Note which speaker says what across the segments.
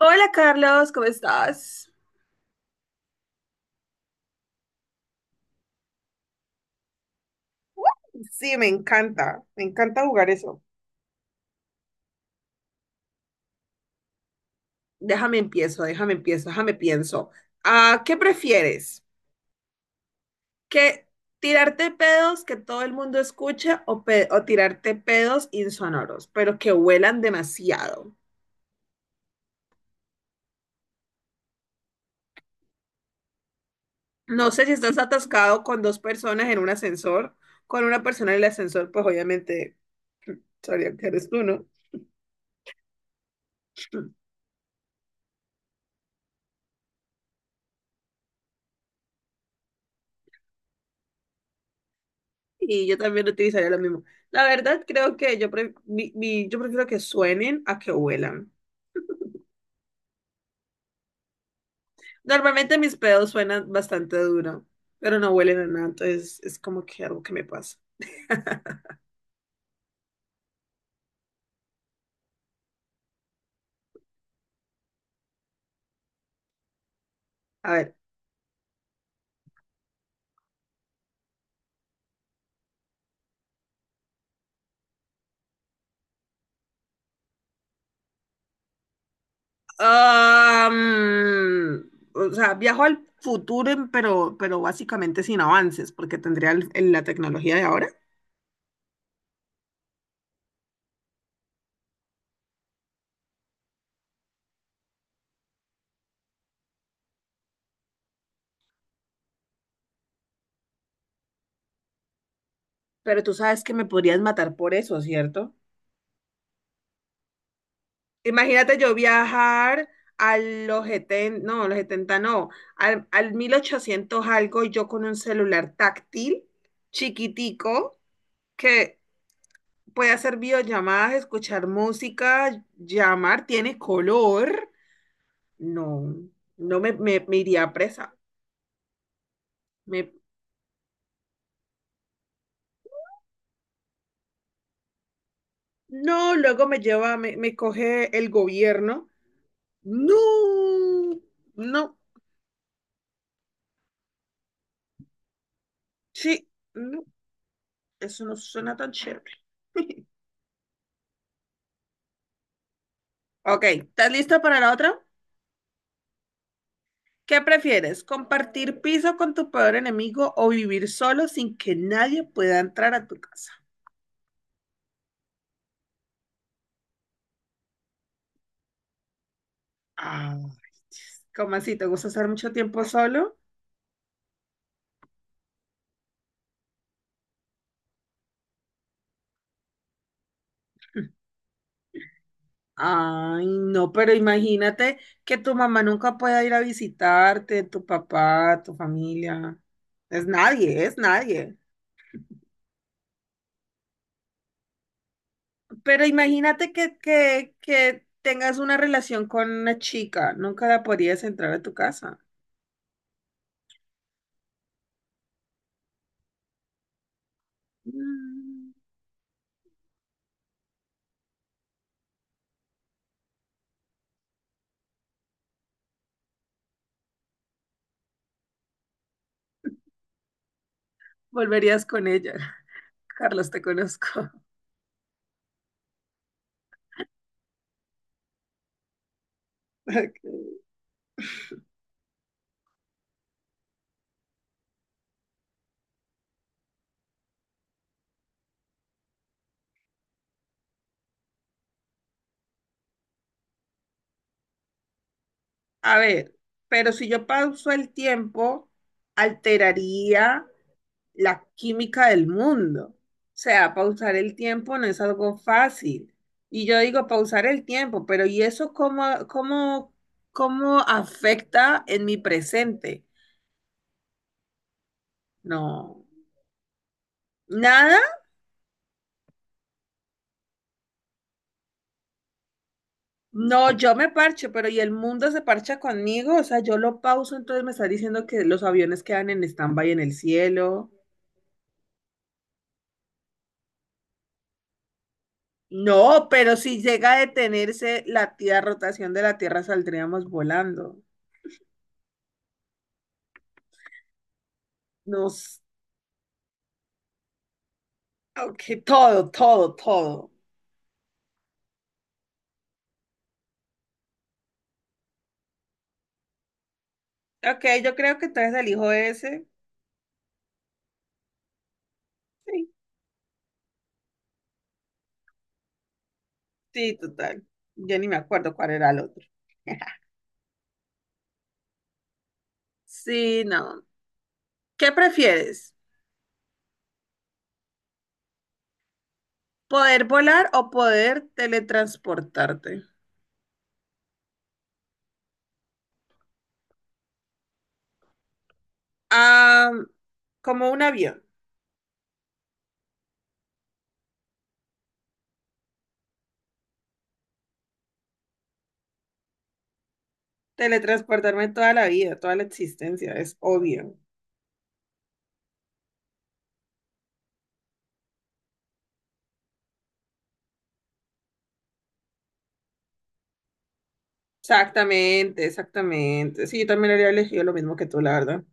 Speaker 1: Hola Carlos, ¿cómo estás? Sí, me encanta jugar eso. Déjame empiezo, déjame empiezo, déjame pienso. Ah, ¿qué prefieres? ¿Que tirarte pedos que todo el mundo escuche o, o tirarte pedos insonoros, pero que huelan demasiado? No sé si estás atascado con dos personas en un ascensor, con una persona en el ascensor, pues obviamente sabría que eres tú, ¿no? Y yo también utilizaría lo mismo. La verdad, creo que yo prefiero que suenen a que huelan. Normalmente mis pedos suenan bastante duro, pero no huelen a nada, entonces es como que algo que me pasa. A ver. O sea, viajo al futuro, pero básicamente sin avances, porque tendría la tecnología de ahora. Pero tú sabes que me podrías matar por eso, ¿cierto? Imagínate yo viajar a los 70, no, a los 70 no, al 1800 algo y yo con un celular táctil, chiquitico, que puede hacer videollamadas, escuchar música, llamar, tiene color. No, no me iría presa. Me, no, luego me lleva, me coge el gobierno. No, no. Sí. No. Eso no suena tan chévere. Ok, ¿estás lista para la otra? ¿Qué prefieres? ¿Compartir piso con tu peor enemigo o vivir solo sin que nadie pueda entrar a tu casa? Ay, ¿cómo así? ¿Te gusta estar mucho tiempo solo? Ay, no, pero imagínate que tu mamá nunca pueda ir a visitarte, tu papá, tu familia. Es nadie, es nadie. Pero imagínate que, que tengas una relación con una chica, nunca la podrías entrar a tu casa. Mm, Volverías con ella. Carlos, te conozco. Ok. A ver, pero si yo pauso el tiempo, alteraría la química del mundo. O sea, pausar el tiempo no es algo fácil. Y yo digo pausar el tiempo, pero ¿y eso cómo afecta en mi presente? No, nada. No, yo me parcho, pero ¿y el mundo se parcha conmigo? O sea, yo lo pauso, entonces me está diciendo que los aviones quedan en stand-by en el cielo. No, pero si llega a detenerse la tía rotación de la Tierra, saldríamos volando. Nos, Aunque todo, todo, todo. Ok, yo creo que entonces elijo ese. Sí, sí, total. Yo ni me acuerdo cuál era el otro. Sí, no. ¿Qué prefieres? ¿Poder volar o poder teletransportarte? Ah, como un avión. Teletransportarme toda la vida, toda la existencia, es obvio. Exactamente, exactamente. Sí, yo también habría elegido lo mismo que tú, la verdad.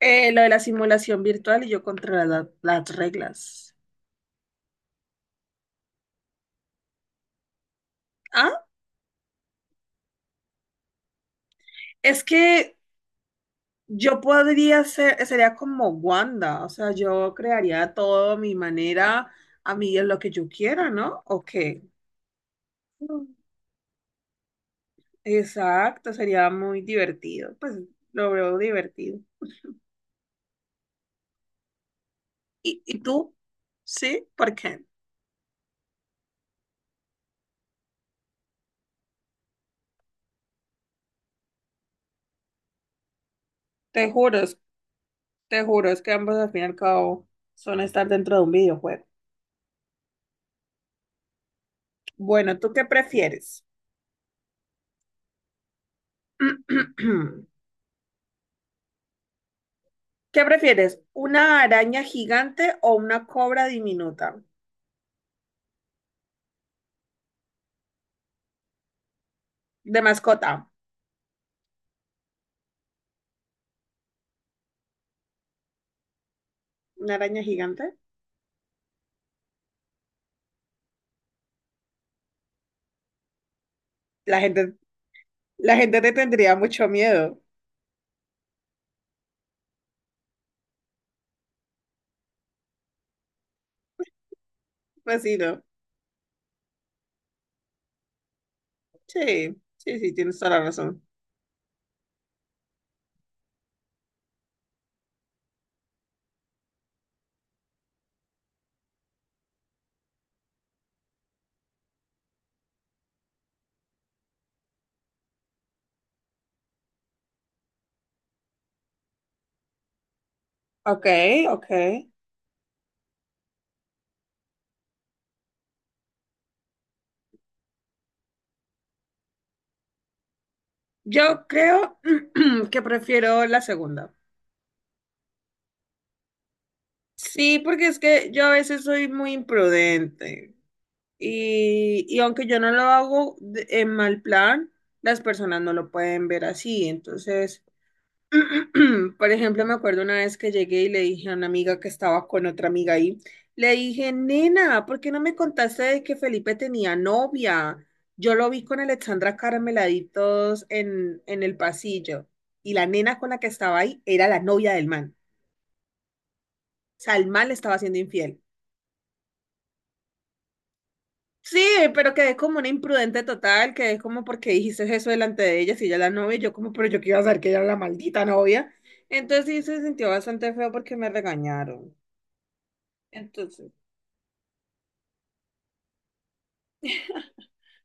Speaker 1: Lo de la simulación virtual y yo contra las reglas. Ah, es que yo podría ser, sería como Wanda, o sea, yo crearía todo a mi manera, a mí es lo que yo quiera, ¿no? ¿O qué? Mm. Exacto, sería muy divertido, pues lo veo divertido. ¿Y tú? ¿Sí? ¿Por qué? Te juro, te juro, es que ambos al fin y al cabo son estar dentro de un videojuego. Bueno, ¿tú qué prefieres? ¿Qué prefieres? ¿Una araña gigante o una cobra diminuta de mascota? ¿Una araña gigante? La gente, la gente te tendría mucho miedo. Pues sí, ¿no? Sí, sí, sí, tienes toda la razón. Ok, ok. Yo creo que prefiero la segunda. Sí, porque es que yo a veces soy muy imprudente y aunque yo no lo hago en mal plan, las personas no lo pueden ver así. Entonces, por ejemplo, me acuerdo una vez que llegué y le dije a una amiga que estaba con otra amiga ahí, le dije, nena, ¿por qué no me contaste de que Felipe tenía novia? Yo lo vi con Alexandra Carmeladitos en el pasillo y la nena con la que estaba ahí era la novia del man. O sea, el man le estaba siendo infiel. Sí, pero quedé como una imprudente total, quedé como porque dijiste eso delante de ella, si ella es la novia, y yo como, pero yo que iba a saber que ella era la maldita novia. Entonces sí se sintió bastante feo porque me regañaron. Entonces,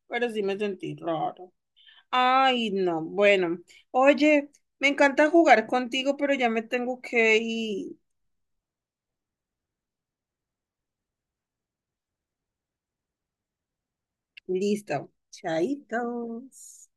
Speaker 1: pero sí me sentí raro. Ay, no, bueno. Oye, me encanta jugar contigo, pero ya me tengo que ir. Listo. Chaitos.